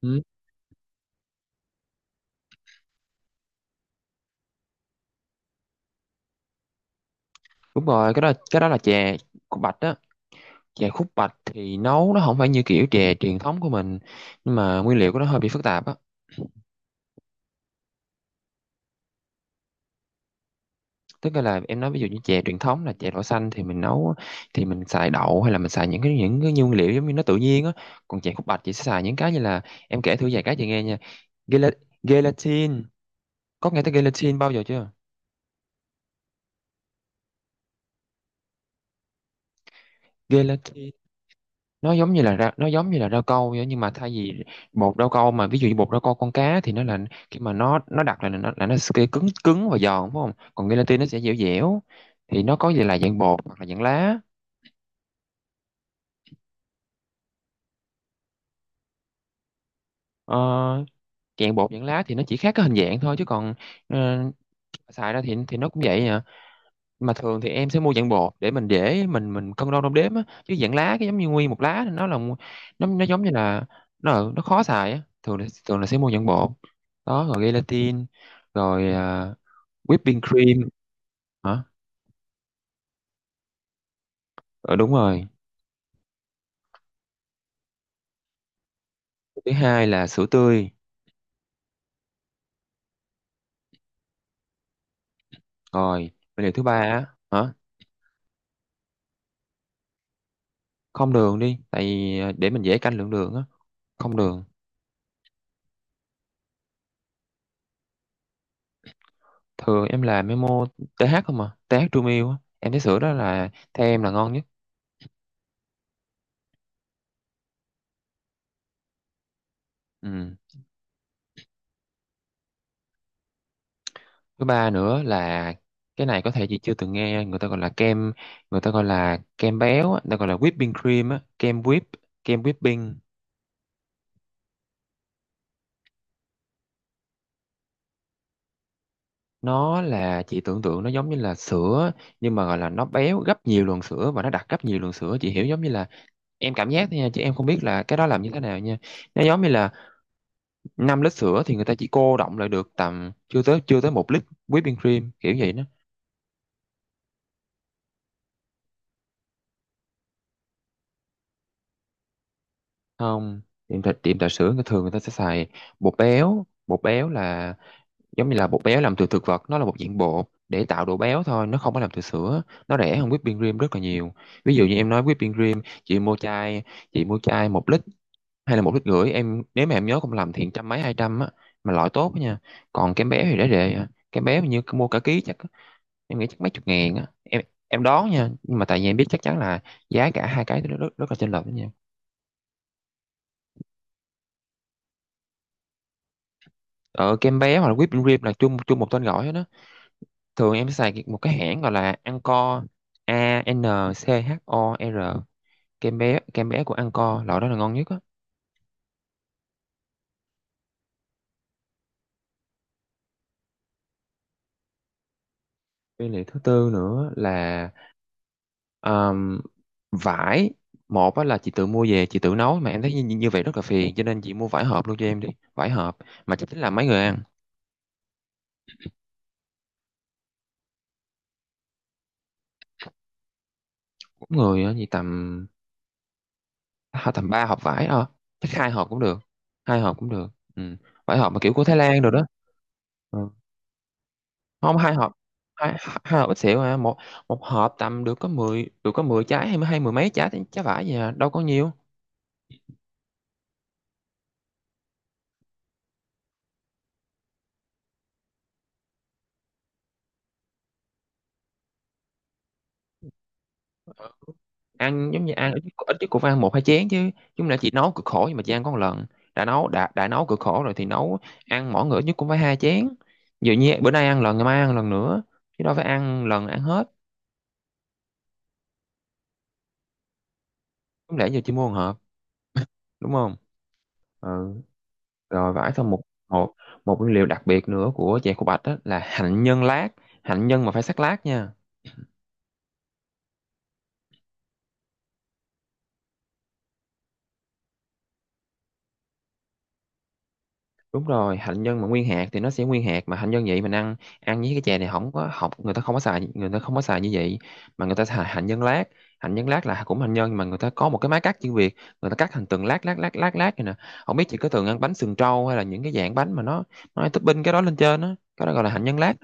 Ừ, đúng rồi, cái đó là chè khúc bạch á. Chè khúc bạch thì nấu nó không phải như kiểu chè truyền thống của mình, nhưng mà nguyên liệu của nó hơi bị phức tạp á. Tức là em nói ví dụ như chè truyền thống là chè đậu xanh thì mình nấu thì mình xài đậu, hay là mình xài những cái nguyên liệu giống như nó tự nhiên á. Còn chè khúc bạch chị sẽ xài những cái như là, em kể thử vài cái chị nghe nha. Gela- gelatin, có nghe tới gelatin bao giờ chưa? Gelatin, nó giống như là rau câu vậy, nhưng mà thay vì bột rau câu, mà ví dụ như bột rau câu con cá thì nó là, khi mà nó đặc là nó sẽ cứng cứng và giòn, đúng không, còn gelatin nó sẽ dẻo dẻo. Thì nó có gì là dạng bột hoặc là dạng lá. Ờ, dạng bột dạng lá thì nó chỉ khác cái hình dạng thôi, chứ còn ờ, xài ra thì nó cũng vậy à. Mà thường thì em sẽ mua dạng bột để mình dễ mình cân đo đong đếm á, chứ dạng lá cái giống như nguyên một lá thì nó là, nó giống như là, nó khó xài á. Thường là sẽ mua dạng bột. Đó, rồi gelatin. Rồi whipping cream. Hả? Ờ, đúng rồi. Thứ hai là sữa tươi. Rồi, nguyên liệu thứ ba á hả? Không đường đi, tại vì để mình dễ canh lượng đường á, không đường. Thường em làm memo TH, không, mà TH True Milk á, em thấy sữa đó là theo em là ngon nhất. Ừ. Thứ ba nữa là, cái này có thể chị chưa từng nghe, người ta gọi là kem béo á, người ta gọi là whipping cream á, kem whipping. Nó là, chị tưởng tượng nó giống như là sữa, nhưng mà gọi là nó béo gấp nhiều lần sữa và nó đặc gấp nhiều lần sữa. Chị hiểu, giống như là, em cảm giác thôi nha, chứ em không biết là cái đó làm như thế nào nha. Nó giống như là, 5 lít sữa thì người ta chỉ cô đọng lại được tầm chưa tới 1 lít whipping cream, kiểu vậy đó. Không. Tiệm trà sữa thường người ta sẽ xài Bột béo là, giống như là bột béo làm từ thực vật, nó là một dạng bột để tạo độ béo thôi, nó không có làm từ sữa. Nó rẻ hơn whipping cream rất là nhiều. Ví dụ như em nói whipping cream, chị mua chai 1 lít hay là 1,5 lít, em nếu mà em nhớ không lầm thì trăm mấy 200 á, mà loại tốt á nha. Còn kem béo thì rẻ rẻ à. Kem béo hình như mua cả ký, chắc em nghĩ chắc mấy chục ngàn á em. Em đoán nha, nhưng mà tại vì em biết chắc chắn là giá cả hai cái nó rất, rất là chênh lệch đó nha. Ờ kem béo hoặc là whipping cream là chung chung một tên gọi hết đó. Thường em xài một cái hãng gọi là Anchor, A N C H O R. Kem bé của Anchor, loại đó là ngon nhất á. Với lại thứ tư nữa là um, vải. Một á là chị tự mua về chị tự nấu mà em thấy như, như vậy rất là phiền, cho nên chị mua vải hộp luôn cho em đi. Vải hộp, mà chắc tính là mấy người ăn, mỗi người á thì tầm tầm ba hộp vải, chắc hai hộp cũng được, hai hộp cũng được. Ừ. Vải hộp mà kiểu của Thái Lan rồi đó. Ừ. Không, hai hộp. Hai, hai hộp ít xỉu à. Một một hộp tầm được có mười trái, hay hay mười mấy trái trái vải gì, à đâu có nhiều. Ăn giống như ăn ít. Ít nhất cũng phải ăn một hai chén chứ. Chúng là chỉ nấu cực khổ nhưng mà chỉ ăn có một lần. Đã nấu cực khổ rồi thì nấu, ăn mỗi người ít nhất cũng phải hai chén. Ví như bữa nay ăn lần, ngày mai ăn lần nữa, chứ đâu phải ăn lần ăn hết. Không lẽ giờ chỉ mua một hộp, đúng không. Ừ. Rồi vải xong. Một một một nguyên liệu đặc biệt nữa của chè khô bạch đó là hạnh nhân lát. Hạnh nhân mà phải sắc lát nha. Đúng rồi, hạnh nhân mà nguyên hạt thì nó sẽ nguyên hạt, mà hạnh nhân vậy mình ăn ăn với cái chè này không có học, người ta không có xài, người ta không có xài như vậy, mà người ta xài hạnh nhân lát. Hạnh nhân lát là cũng hạnh nhân, nhưng mà người ta có một cái máy cắt chuyên biệt, người ta cắt thành từng lát lát lát lát lát này nè. Không biết chị có từng ăn bánh sừng trâu, hay là những cái dạng bánh mà nó topping cái đó lên trên á, cái đó gọi là hạnh nhân lát.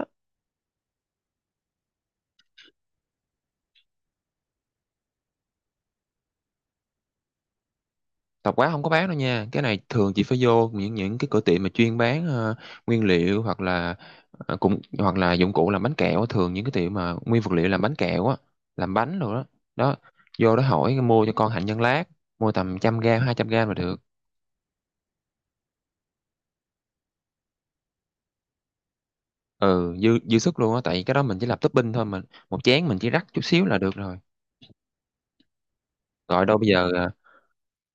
Tạp hóa không có bán đâu nha, cái này thường chỉ phải vô những cái cửa tiệm mà chuyên bán nguyên liệu, hoặc là cũng hoặc là dụng cụ làm bánh kẹo á. Thường những cái tiệm mà nguyên vật liệu làm bánh kẹo á, làm bánh rồi đó, đó, vô đó hỏi mua cho con hạnh nhân lát, mua tầm 100 gram 200 gram là được. Ừ, dư dư sức luôn á, tại cái đó mình chỉ làm topping thôi, mình một chén mình chỉ rắc chút xíu là được rồi. Gọi đâu bây giờ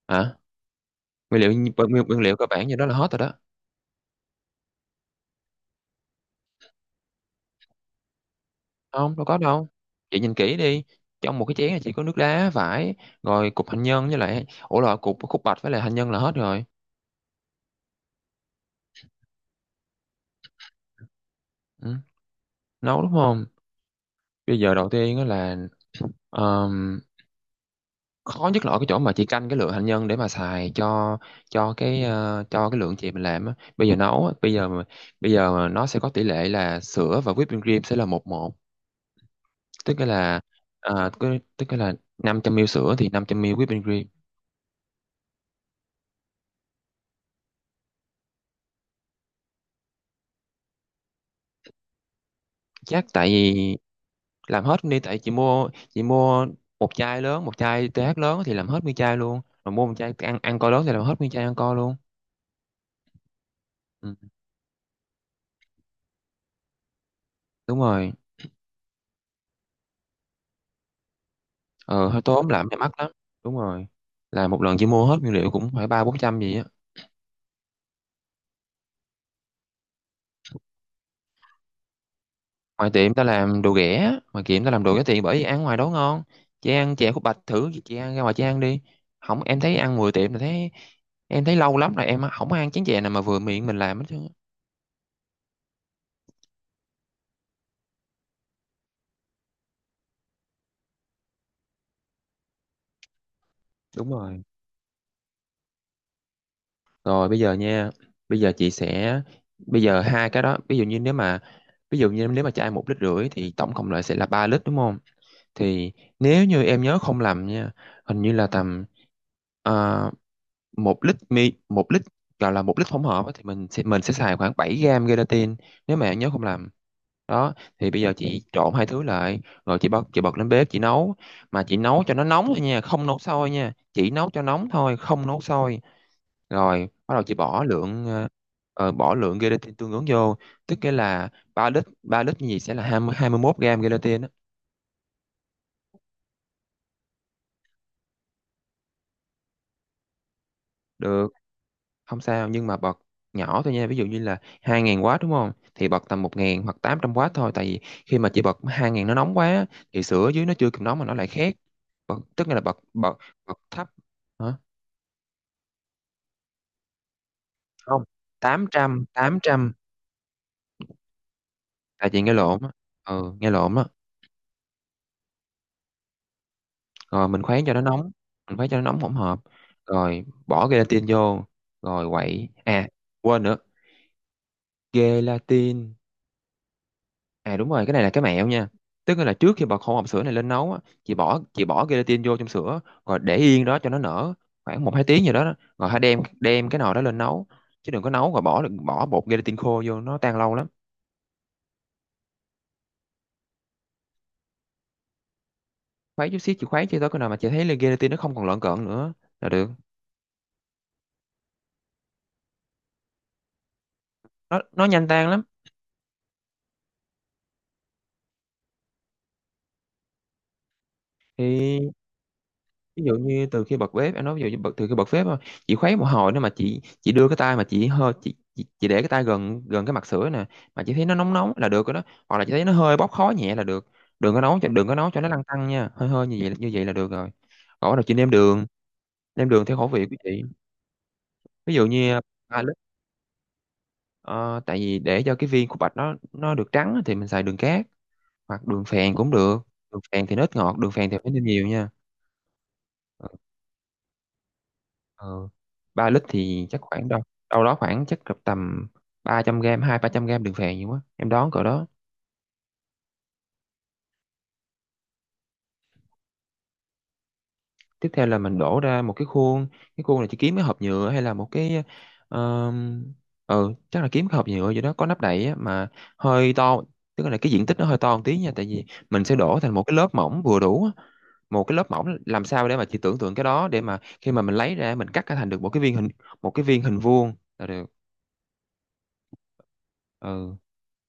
hả? Nguyên liệu cơ bản như đó là hết rồi đó. Không, đâu có đâu, chị nhìn kỹ đi, trong một cái chén này chỉ có nước đá vải, rồi cục hành nhân với lại ủa là cục khúc bạch với lại hành nhân là hết rồi. Ừ. Nấu, đúng không? Bây giờ đầu tiên á là ờm, khó nhất là ở cái chỗ mà chị canh cái lượng hành nhân để mà xài cho cái cho cái lượng chị mình làm á. Bây giờ nấu á, bây giờ mà nó sẽ có tỷ lệ là sữa và whipping cream sẽ là một một. Tức là ờ, cứ- tức là 500 ml sữa thì 500 ml whipping cream. Chắc tại vì làm hết đi, tại chị mua một chai lớn, một chai TH lớn thì làm hết nguyên chai luôn, rồi mua một chai ăn ăn co lớn thì làm hết nguyên chai ăn co luôn. Ừ, đúng rồi. Ờ hơi tốn làm mày mắc lắm, đúng rồi, là một lần chỉ mua hết nguyên liệu cũng phải ba bốn trăm gì á. Ngoài tiệm ta làm đồ ghẻ tiền, bởi vì ăn ngoài đó ngon. Chị ăn chè khúc bạch thử, chị ăn ra ngoài chị ăn đi, không em thấy ăn 10 tiệm là thấy, em thấy lâu lắm rồi em không ăn chén chè nào mà vừa miệng mình làm hết trơn á. Đúng rồi. Rồi bây giờ nha, bây giờ chị sẽ, bây giờ hai cái đó, ví dụ như nếu mà, ví dụ như nếu mà chai 1,5 lít thì tổng cộng lại sẽ là 3 lít, đúng không? Thì nếu như em nhớ không lầm nha, hình như là tầm ờ, một lít gọi là 1 lít hỗn hợp á, thì mình sẽ xài khoảng 7 gram gelatin, nếu mà em nhớ không lầm. Đó, thì bây giờ chị trộn hai thứ lại, rồi chị bật lên bếp chị nấu, mà chị nấu cho nó nóng thôi nha, không nấu sôi nha, chỉ nấu cho nóng thôi, không nấu sôi. Rồi bắt đầu chị bỏ lượng gelatin tương ứng vô, tức nghĩa là 3 lít, 3 lít như vậy sẽ là hai hai mươi 21 gram gelatin á. Được. Không sao, nhưng mà bật nhỏ thôi nha, ví dụ như là hai 000 w đúng không, thì bật tầm một 000 hoặc tám trăm w thôi, tại vì khi mà chị bật hai 000 nó nóng quá thì sữa ở dưới nó chưa kịp nóng mà nó lại khét. Bật, tức nghĩa là bật bật bật thấp. Hả? Không, tám trăm, tám trăm, tại chị nghe lộn á, ừ, nghe lộn á. Rồi mình khuấy cho nó nóng, mình khuấy cho nó nóng hỗn hợp, rồi bỏ gelatin vô rồi quậy. À, quên nữa, gelatin. À đúng rồi, cái này là cái mẹo nha. Tức là trước khi bật hỗn hợp sữa này lên nấu á, chị bỏ gelatin vô trong sữa rồi để yên đó cho nó nở khoảng một hai tiếng gì đó. Đó, rồi hãy đem đem cái nồi đó lên nấu, chứ đừng có nấu rồi bỏ bỏ bột gelatin khô vô, nó tan lâu lắm. Khuấy chút xíu, chị khuấy cho tới cái nào mà chị thấy là gelatin nó không còn lợn cợn nữa là được. Nó nhanh tan lắm. Thì ví dụ như từ khi bật bếp, em nói ví dụ như bật từ khi bật bếp thôi, chị khuấy một hồi nữa mà chị đưa cái tay, mà chị hơi chị để cái tay gần gần cái mặt sữa nè, mà chị thấy nó nóng nóng là được rồi đó. Hoặc là chị thấy nó hơi bốc khói nhẹ là được. Đừng có nấu cho nó lăn tăn nha, hơi hơi như vậy, như vậy là được rồi. Còn bắt đầu chị nêm đường, nêm đường theo khẩu vị của chị. Ví dụ như ba lít, ờ, tại vì để cho cái viên của bạch nó được trắng á, thì mình xài đường cát hoặc đường phèn cũng được. Đường phèn thì nó ít ngọt, đường phèn thì phải nêm nhiều nha. Ờ, 3 lít thì chắc khoảng đâu đâu đó, khoảng chắc cỡ tầm 300 gram, hai 300 gram đường phèn, nhiều quá, em đoán cỡ đó. Tiếp theo là mình đổ ra một cái khuôn. Cái khuôn này chỉ kiếm cái hộp nhựa hay là một cái, ờ, ừ chắc là kiếm cái hộp nhựa gì đó có nắp đậy á, mà hơi to. Tức là cái diện tích nó hơi to một tí nha, tại vì mình sẽ đổ thành một cái lớp mỏng vừa đủ á. Một cái lớp mỏng làm sao để mà chị tưởng tượng cái đó, để mà khi mà mình lấy ra mình cắt ra thành được một cái viên hình vuông là được. Ừ,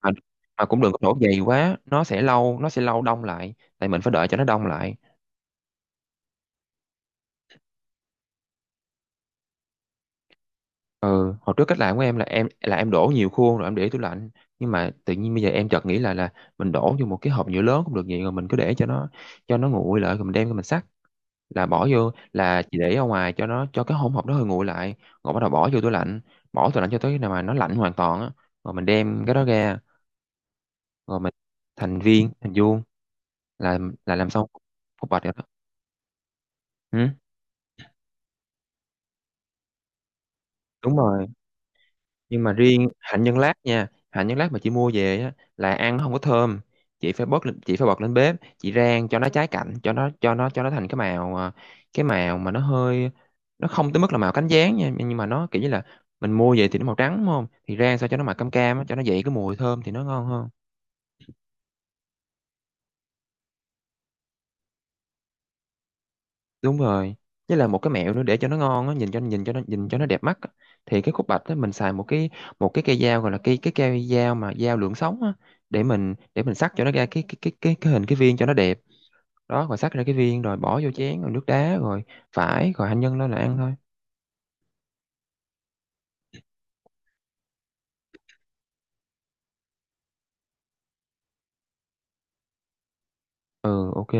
mà, mà cũng đừng có đổ dày quá, nó sẽ lâu đông lại, tại mình phải đợi cho nó đông lại. Ừ hồi trước cách làm của em là em là em đổ nhiều khuôn rồi em để tủ lạnh, nhưng mà tự nhiên bây giờ em chợt nghĩ là mình đổ vô một cái hộp nhựa lớn cũng được vậy, rồi mình cứ để cho nó nguội lại rồi mình đem ra mình xắt. Là bỏ vô, là chỉ để ở ngoài cho cái hỗn hợp đó hơi nguội lại, rồi bắt đầu bỏ vô tủ lạnh, bỏ tủ lạnh cho tới khi nào mà nó lạnh hoàn toàn á, rồi mình đem cái đó ra rồi mình thành viên, thành vuông là là làm xong cục bạch rồi đó. Ừ, đúng rồi. Nhưng mà riêng hạnh nhân lát nha, hạnh nhân lát mà chị mua về á, là ăn nó không có thơm. Chị phải bật lên bếp chị rang cho nó cháy cạnh, cho nó, cho nó thành cái màu, à, cái màu mà nó hơi, nó không tới mức là màu cánh gián nha, nhưng mà nó kiểu như là mình mua về thì nó màu trắng đúng không, thì rang sao cho nó màu cam cam á, cho nó dậy cái mùi thơm thì nó ngon hơn. Đúng rồi. Với là một cái mẹo nữa để cho nó ngon á, nhìn cho nó đẹp mắt á, thì cái khúc bạch á mình xài một cái cây dao, gọi là cái cây dao mà dao lưỡi sống á, để mình sắc cho nó ra cái hình, cái viên cho nó đẹp. Đó, rồi sắc ra cái viên rồi bỏ vô chén rồi nước đá, rồi phải rồi hành nhân lên là ăn thôi. Ừ, ok.